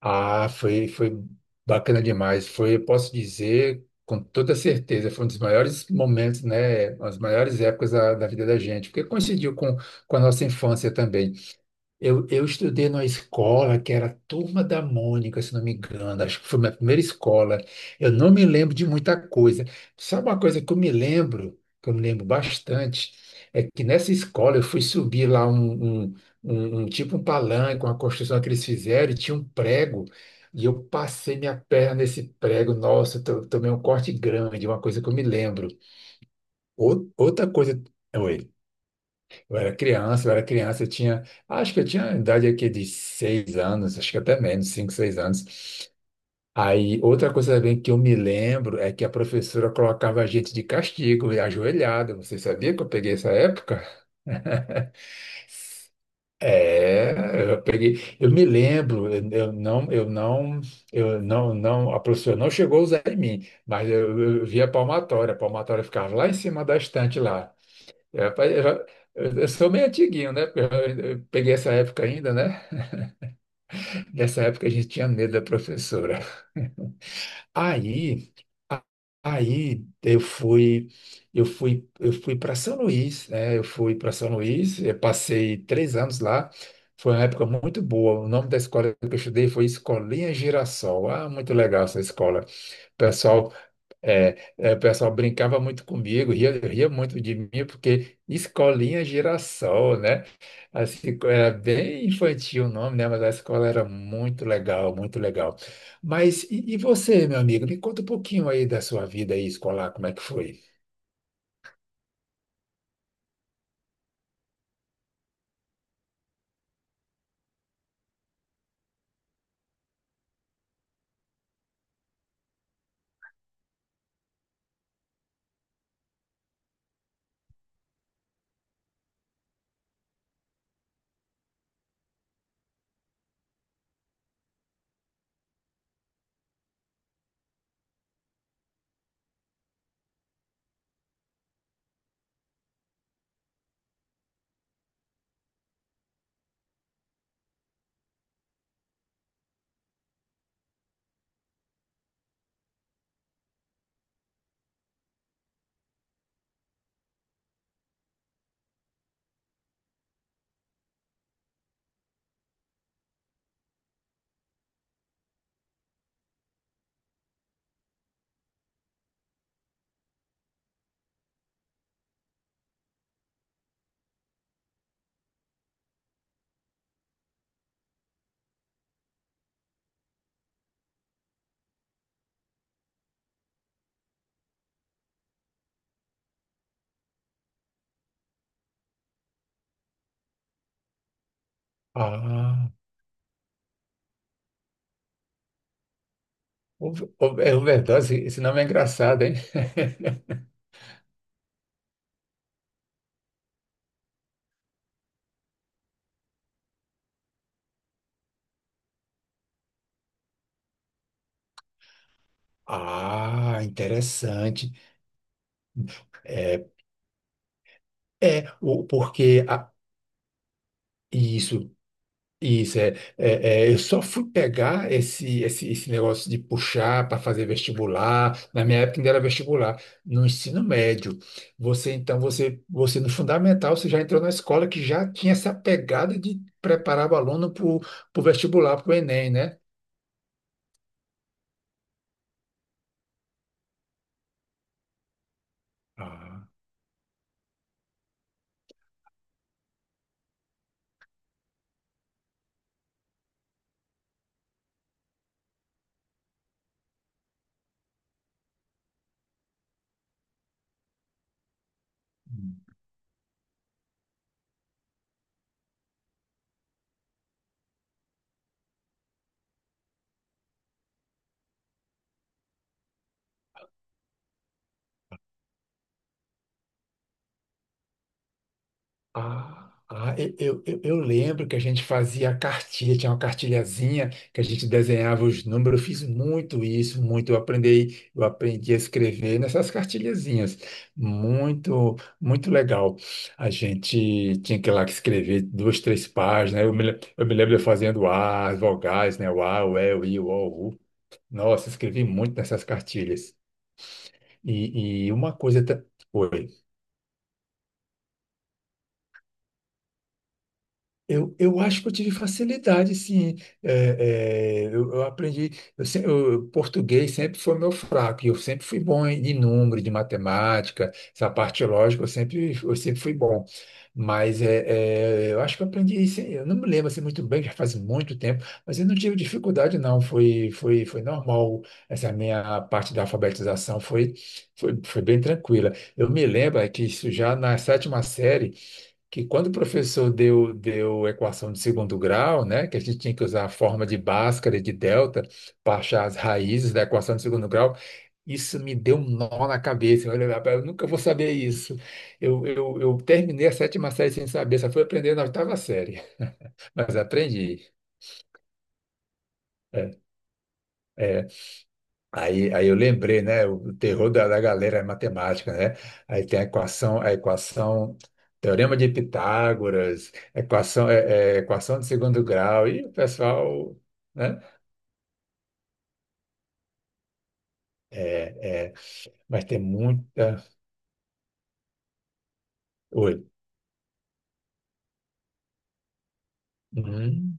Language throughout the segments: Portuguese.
Ah, foi bacana demais. Foi, eu posso dizer com toda certeza, foi um dos maiores momentos, né? As maiores épocas da vida da gente, porque coincidiu com a nossa infância também. Eu estudei numa escola que era a Turma da Mônica, se não me engano. Acho que foi minha primeira escola. Eu não me lembro de muita coisa. Sabe uma coisa que eu me lembro bastante, é que nessa escola eu fui subir lá um tipo um palanque, uma construção que eles fizeram, e tinha um prego, e eu passei minha perna nesse prego. Nossa, eu tomei um corte grande, uma coisa que eu me lembro. Outra coisa. Oi. Eu era criança, acho que eu tinha a idade aqui de 6 anos, acho que até menos, cinco, 6 anos. Aí, outra coisa também que eu me lembro é que a professora colocava a gente de castigo, e ajoelhado. Você sabia que eu peguei essa época? É, eu peguei, eu me lembro. Eu não, a professora não chegou a usar em mim, mas eu via a palmatória. A palmatória ficava lá em cima da estante lá. É, rapaz, eu sou meio antiguinho, né? Porque eu peguei essa época ainda, né? Nessa época a gente tinha medo da professora. Aí, a- aí, eu fui para São Luís, né? Eu fui para São Luís, eu passei 3 anos lá. Foi uma época muito boa. O nome da escola que eu estudei foi Escolinha Girassol. Ah, muito legal essa escola. O pessoal É, é, o pessoal brincava muito comigo, ria, ria muito de mim, porque escolinha é girassol, né? Assim, era bem infantil o nome, né? Mas a escola era muito legal, muito legal. Mas e você, meu amigo? Me conta um pouquinho aí da sua vida aí escolar, como é que foi? Ah, o- é overdose. Esse nome é engraçado, hein? Ah, interessante. É, isso. Isso, eu só fui pegar esse negócio de puxar para fazer vestibular. Na minha época ainda era vestibular, no ensino médio. Você, então, você no fundamental, você já entrou na escola que já tinha essa pegada de preparar o aluno para o vestibular, para o Enem, né? Ah. Ah, eu lembro que a gente fazia a cartilha, tinha uma cartilhazinha que a gente desenhava os números. Eu fiz muito isso, muito. Eu aprendi a escrever nessas cartilhazinhas. Muito, muito legal. A gente tinha que ir lá que escrever duas, três páginas. Eu me lembro eu fazendo A, as vogais, né? O A, o E, o I, o O, o U. Nossa, escrevi muito nessas cartilhas. E uma coisa. Oi. Eu acho que eu tive facilidade, sim. É, eu aprendi. Eu, se- eu- Português sempre foi meu fraco, e eu sempre fui bom em de número, de matemática, essa parte lógica, eu sempre fui bom. Mas eu acho que eu aprendi isso. Eu não me lembro assim, muito bem, já faz muito tempo, mas eu não tive dificuldade, não. Foi normal. Essa minha parte da alfabetização foi bem tranquila. Eu me lembro é que isso já na sétima série, que quando o professor deu equação de segundo grau, né, que a gente tinha que usar a forma de Bhaskara e de delta para achar as raízes da equação de segundo grau, isso me deu um nó na cabeça. Eu falei: "Rapaz, eu nunca vou saber isso. Eu terminei a sétima série sem saber, só fui aprender na oitava série, mas aprendi. É. é, aí, eu lembrei, né? O terror da galera é matemática, né? Aí tem a equação, teorema de Pitágoras, equação, equação de segundo grau, e o pessoal, né? É, é, mas tem muita. Oi. Hum,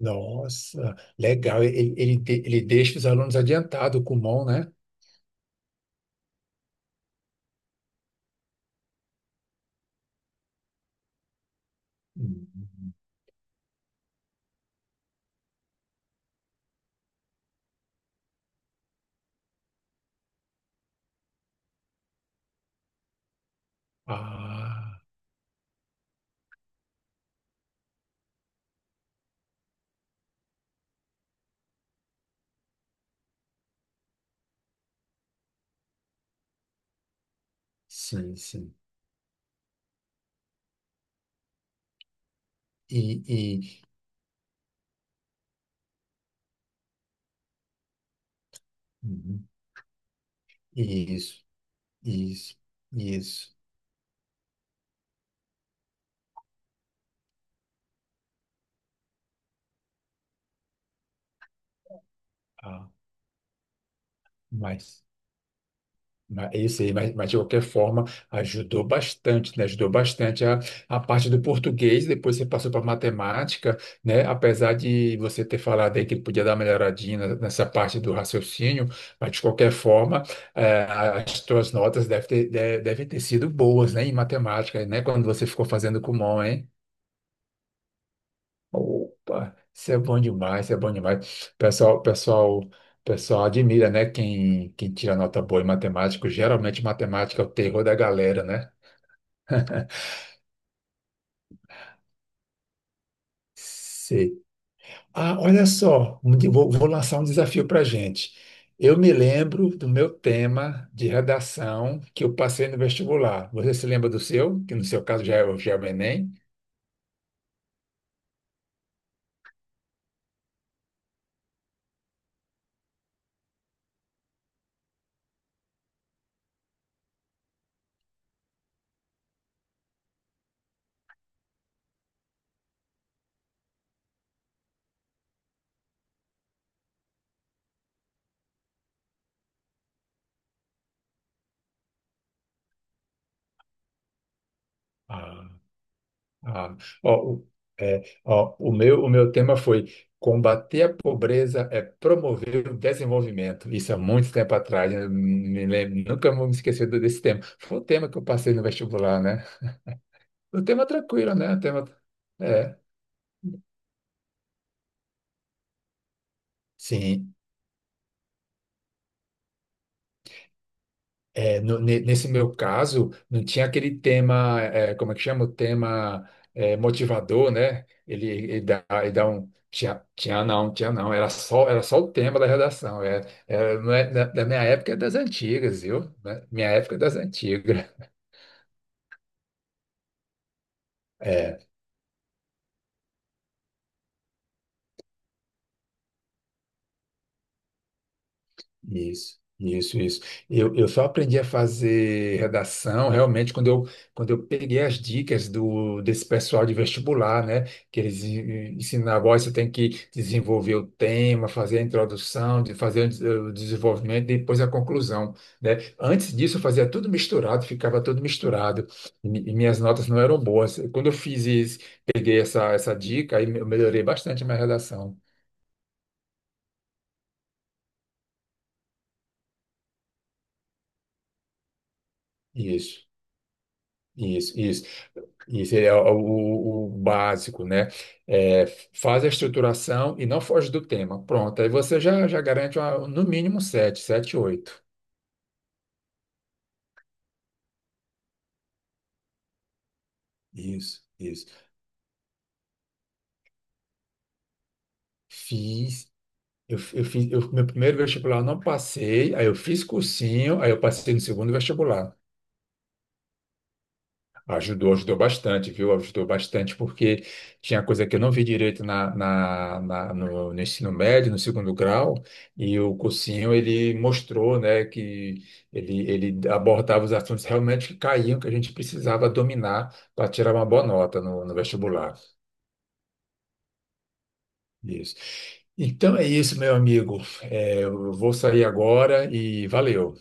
nossa, legal. Ele deixa os alunos adiantados com mão, né? Hum. Ah, sim, sim. E, e, uhum, isso, isso, isso. Ah. Mas, é isso aí, mas de qualquer forma ajudou bastante, né? Ajudou bastante a parte do português, depois você passou para matemática, né? Apesar de você ter falado aí que podia dar uma melhoradinha nessa parte do raciocínio, mas de qualquer forma, eh, as suas notas devem ter sido boas, né? Em matemática, né? Quando você ficou fazendo Kumon, hein? Opa, isso é bom demais, isso é bom demais. Pessoal, pessoal, pessoal admira, né? Quem tira nota boa em matemática. Geralmente matemática é o terror da galera, né? Sei. Ah, olha só, vou lançar um desafio para a gente. Eu me lembro do meu tema de redação que eu passei no vestibular. Você se lembra do seu? Que no seu caso já já é o Enem? Ah. Ah, ó, o, é, ó, o meu tema foi combater a pobreza é promover o desenvolvimento. Isso há muito tempo atrás, né? Me lembro, nunca vou me esquecer desse tema. Foi um tema que eu passei no vestibular, né? O tema tranquilo, né? O tema, é, sim. Nesse meu caso, não tinha aquele tema, como é que chama? O tema motivador, né? Ele dá um. Tinha, tinha não, tinha não. Era só o tema da redação. É, é, não, é da minha época é das antigas, viu? Né? Minha época é das antigas. É. Isso, isso, isso. Eu só aprendi a fazer redação realmente quando eu peguei as dicas desse pessoal de vestibular, né? Que eles ensinavam: ó, você tem que desenvolver o tema, fazer a introdução, de fazer o o desenvolvimento e depois a conclusão, né? Antes disso, eu fazia tudo misturado, ficava tudo misturado e minhas notas não eram boas. Quando eu fiz isso, peguei essa dica, aí eu melhorei bastante a minha redação. Isso, isso, isso. Isso é o básico, né? É, faz a estruturação e não foge do tema. Pronto, aí você já garante no mínimo sete, sete, oito. Isso, isso. Fiz. Meu primeiro vestibular eu não passei, aí eu fiz cursinho, aí eu passei no segundo vestibular. Ajudou, ajudou bastante, viu? Ajudou bastante, porque tinha coisa que eu não vi direito no ensino médio, no segundo grau, e o cursinho ele mostrou, né, que ele abordava os assuntos realmente que caíam, que a gente precisava dominar para tirar uma boa nota no vestibular. Isso. Então é isso, meu amigo. É, eu vou sair agora e valeu.